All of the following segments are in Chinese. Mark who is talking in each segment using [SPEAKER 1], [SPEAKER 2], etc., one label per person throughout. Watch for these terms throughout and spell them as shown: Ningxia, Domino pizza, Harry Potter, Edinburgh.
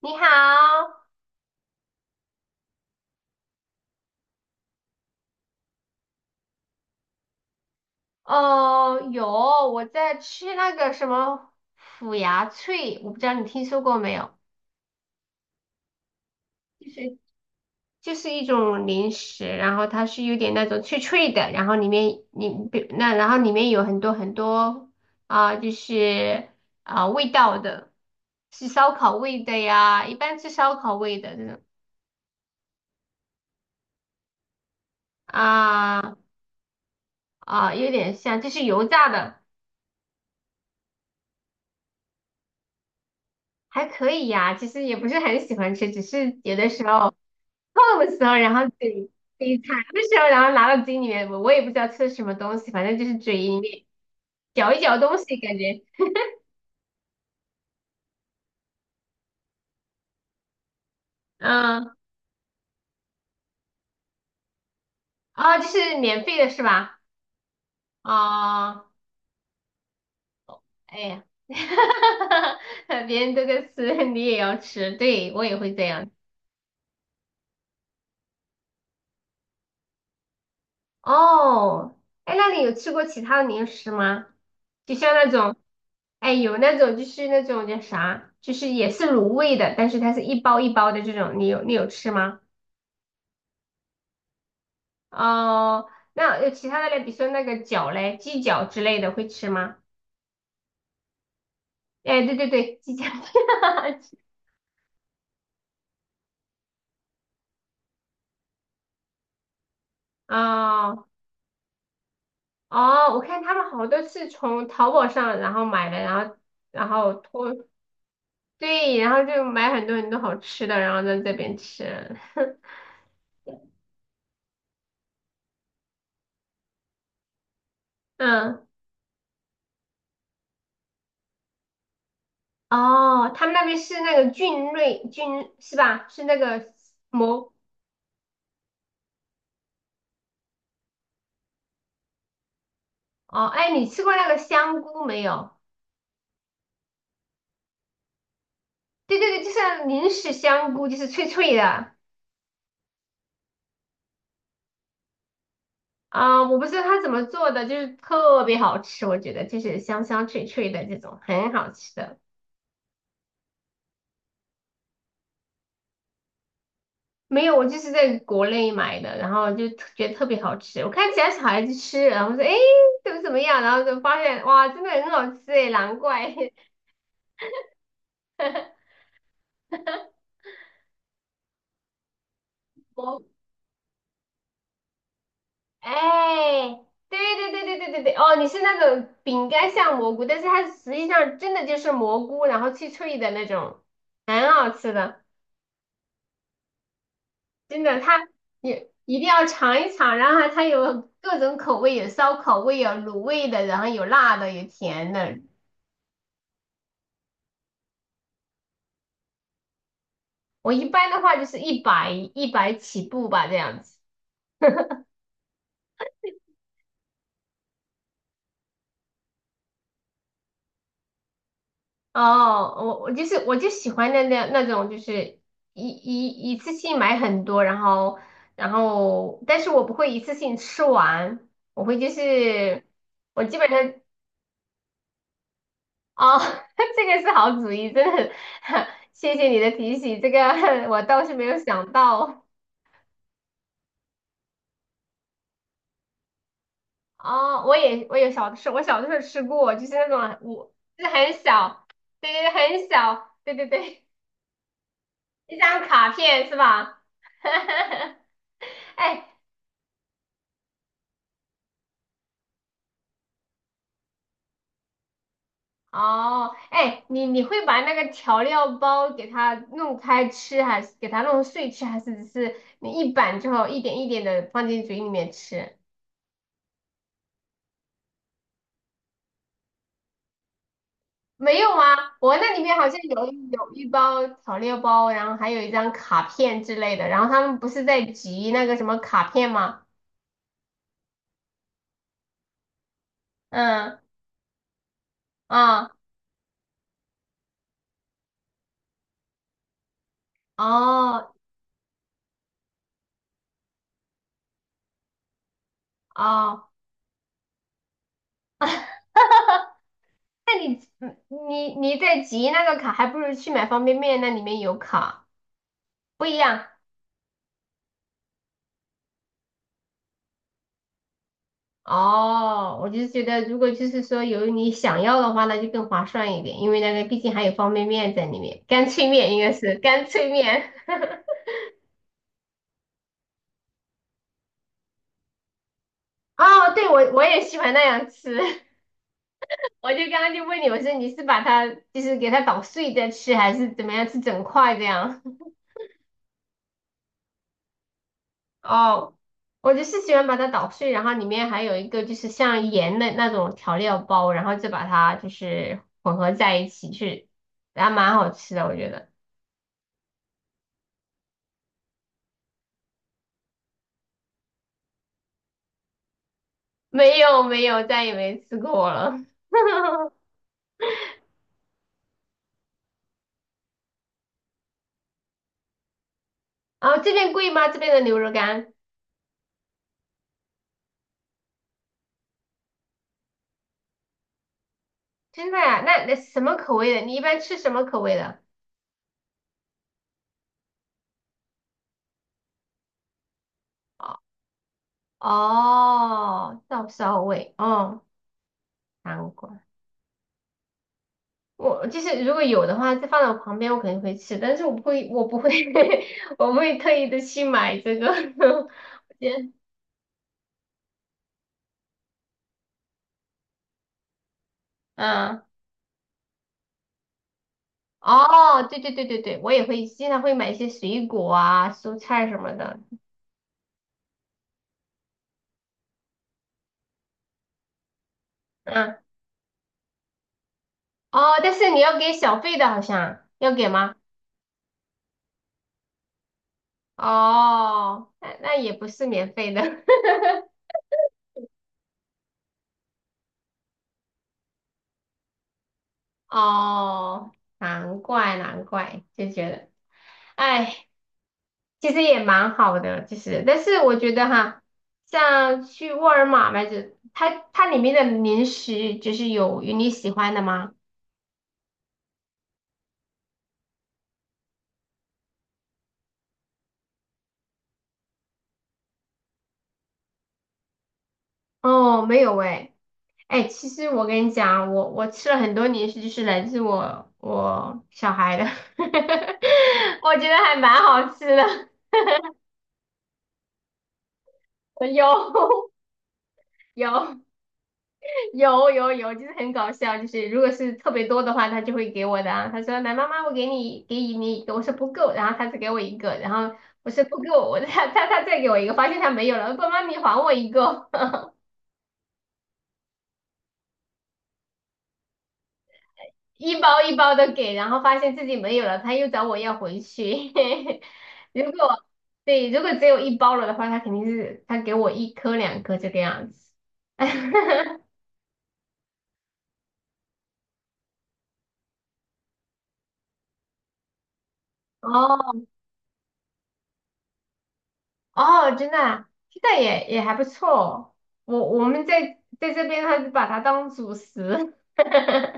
[SPEAKER 1] 你好，哦，有，我在吃那个什么腐牙脆，我不知道你听说过没有，就是就是一种零食，然后它是有点那种脆脆的，然后里面你比那然后里面有很多很多就是味道的，是烧烤味的呀，一般吃烧烤味的这种啊有点像就是油炸的，还可以呀，其实也不是很喜欢吃，只是有的时候，痛的时候，然后嘴馋的时候，然后拿到嘴里面，我也不知道吃什么东西，反正就是嘴里面嚼一嚼东西，感觉，嗯，哦，就是免费的是吧？哦，哎呀，别人都在吃，你也要吃，对，我也会这样。哦，哎，那你有吃过其他的零食吗？就像那种，哎，有那种就是那种叫啥，就是也是卤味的，但是它是一包一包的这种，你有吃吗？哦，那有其他的嘞，比如说那个饺嘞，鸡脚之类的会吃吗？哎，对对对，鸡饺。哦哦，我看他们好多是从淘宝上然后买的，然后对，然后就买很多很多好吃的，然后在这边吃。嗯，哦，他们那边是那个菌类菌是吧？是那个蘑哦，哎，你吃过那个香菇没有？对对对，就是零食香菇，就是脆脆的。我不知道它怎么做的，就是特别好吃，我觉得就是香香脆脆的这种，很好吃的。没有，我就是在国内买的，然后就特觉得特别好吃。我看其他小孩子吃，然后说，哎，怎么怎么样，然后就发现，哇，真的很好吃哎，难怪。蘑，哎，对对对对对对对，哦，你是那种饼干像蘑菇，但是它实际上真的就是蘑菇，然后脆脆的那种，很好吃的。真的，它也一定要尝一尝。然后它有各种口味，有烧烤味，有卤味的，然后有辣的，有甜的。我一般的话就是一百一百起步吧，这样子。哦，我就喜欢那种，就是一次性买很多，然后然后，但是我不会一次性吃完，我会就是我基本上哦，这个是好主意，真的很 谢谢你的提醒，这个 我倒是没有想到。哦，我小的时候吃过，就是那种我就是很小，对对对，很小，对对对，一张卡片是吧？哎，哦，哎，你会把那个调料包给它弄开吃，还是给它弄碎吃，还是只是你一板之后一点一点的放进嘴里面吃？没有啊，我那里面好像有一包调料包，然后还有一张卡片之类的。然后他们不是在集那个什么卡片吗？嗯啊哦哦，那你嗯你在集那个卡，还不如去买方便面，那里面有卡，不一样哦。我就觉得，如果就是说有你想要的话，那就更划算一点，因为那个毕竟还有方便面在里面，干脆面应该是干脆面。哦，对，我也喜欢那样吃。我就刚刚就问你，我说你是把它就是给它捣碎再吃，还是怎么样吃整块这样？哦，我就是喜欢把它捣碎，然后里面还有一个就是像盐的那种调料包，然后再把它就是混合在一起去，然后蛮好吃的，我觉得。没有没有，再也没吃过了。然后这边贵吗？这边的牛肉干？真的呀？那那什么口味的？你一般吃什么口味的？哦，哦，照烧味，哦，韩国。我就是如果有的话，就放到我旁边，我肯定会吃，但是我不会，我不会，我不会特意的去买这个。对，嗯，哦，对对对对对，我也会经常会买一些水果啊、蔬菜什么的。嗯，哦，但是你要给小费的，好像要给吗？哦，那那也不是免费的。哦，难怪难怪，就觉得，哎。其实也蛮好的，其实，但是我觉得哈，像去沃尔玛买这，它里面的零食就是有你喜欢的吗？哦，没有诶，哎，其实我跟你讲，我吃了很多零食，就是来自我小孩的，我觉得还蛮好吃的，有 有，有有有，就是很搞笑，就是如果是特别多的话，他就会给我的啊。他说：“来，妈妈，我给你一个”。我说：“不够。”然后他只给我一个，然后我说：“不够。”我 他再给我一个，发现他没有了，爸妈你还我一个，一包一包的给，然后发现自己没有了，他又找我要回去。如果对，如果只有一包了的话，他肯定是他给我一颗两颗这个样子。哦，哦，真的啊，现在也也还不错哦。我我们在在这边，还是把它当主食。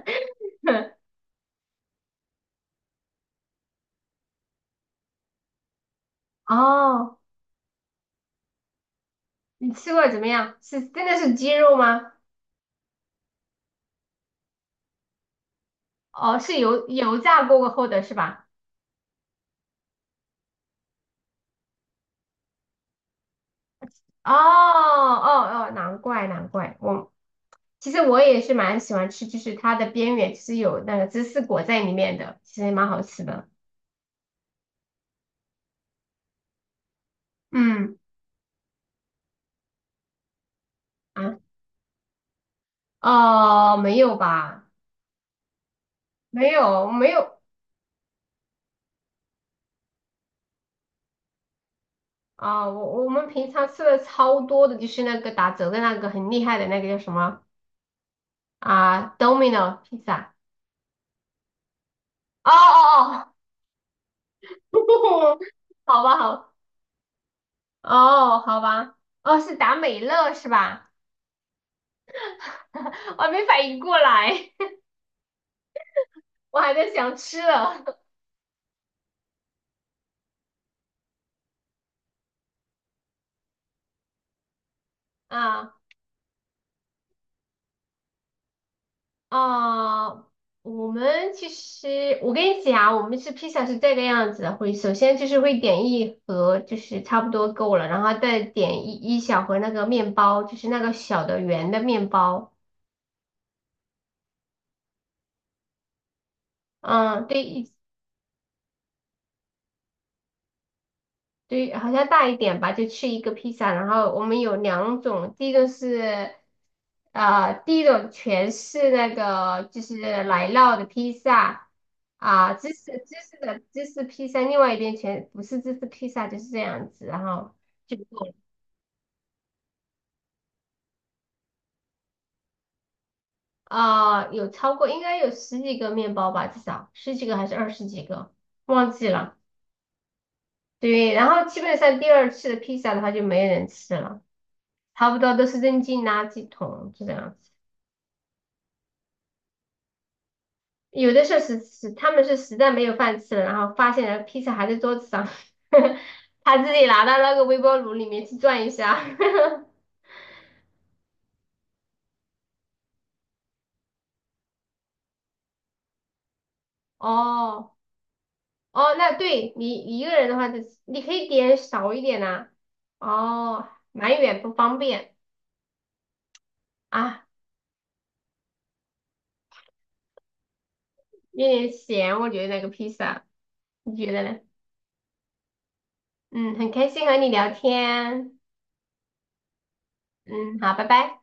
[SPEAKER 1] 哦，你吃过怎么样？是真的是鸡肉吗？哦，是油油炸过后的是吧？哦哦哦，难怪难怪。我其实我也是蛮喜欢吃，就是它的边缘是有那个芝士裹在里面的，其实也蛮好吃的。嗯啊，哦，没有吧？没有没有。啊，我我们平常吃的超多的就是那个打折的那个很厉害的那个叫什么啊？Domino pizza。哦哦哦，好吧好，哦好吧，哦是达美乐是吧？我还没反应过来，我还在想吃了 啊。啊、我们其实，我跟你讲，我们吃披萨是这个样子的，会首先就是会点一盒，就是差不多够了，然后再点一小盒那个面包，就是那个小的圆的面包。嗯，对，对，好像大一点吧，就吃一个披萨。然后我们有两种，第一个是，第一种全是那个就是奶酪的披萨啊，芝士披萨，另外一边全不是芝士披萨，就是这样子。然后就有超过应该有十几个面包吧，至少十几个还是二十几个，忘记了。对，然后基本上第二次的披萨的话就没人吃了，差不多都是扔进垃圾桶，就这样。有的是他们是实在没有饭吃了，然后发现了披萨还在桌子上，他自己拿到那个微波炉里面去转一下。哦哦，那对你一个人的话，就你可以点少一点呐、哦，蛮远不方便啊，有点咸，我觉得那个披萨，你觉得呢？嗯，很开心和你聊天。嗯，好，拜拜。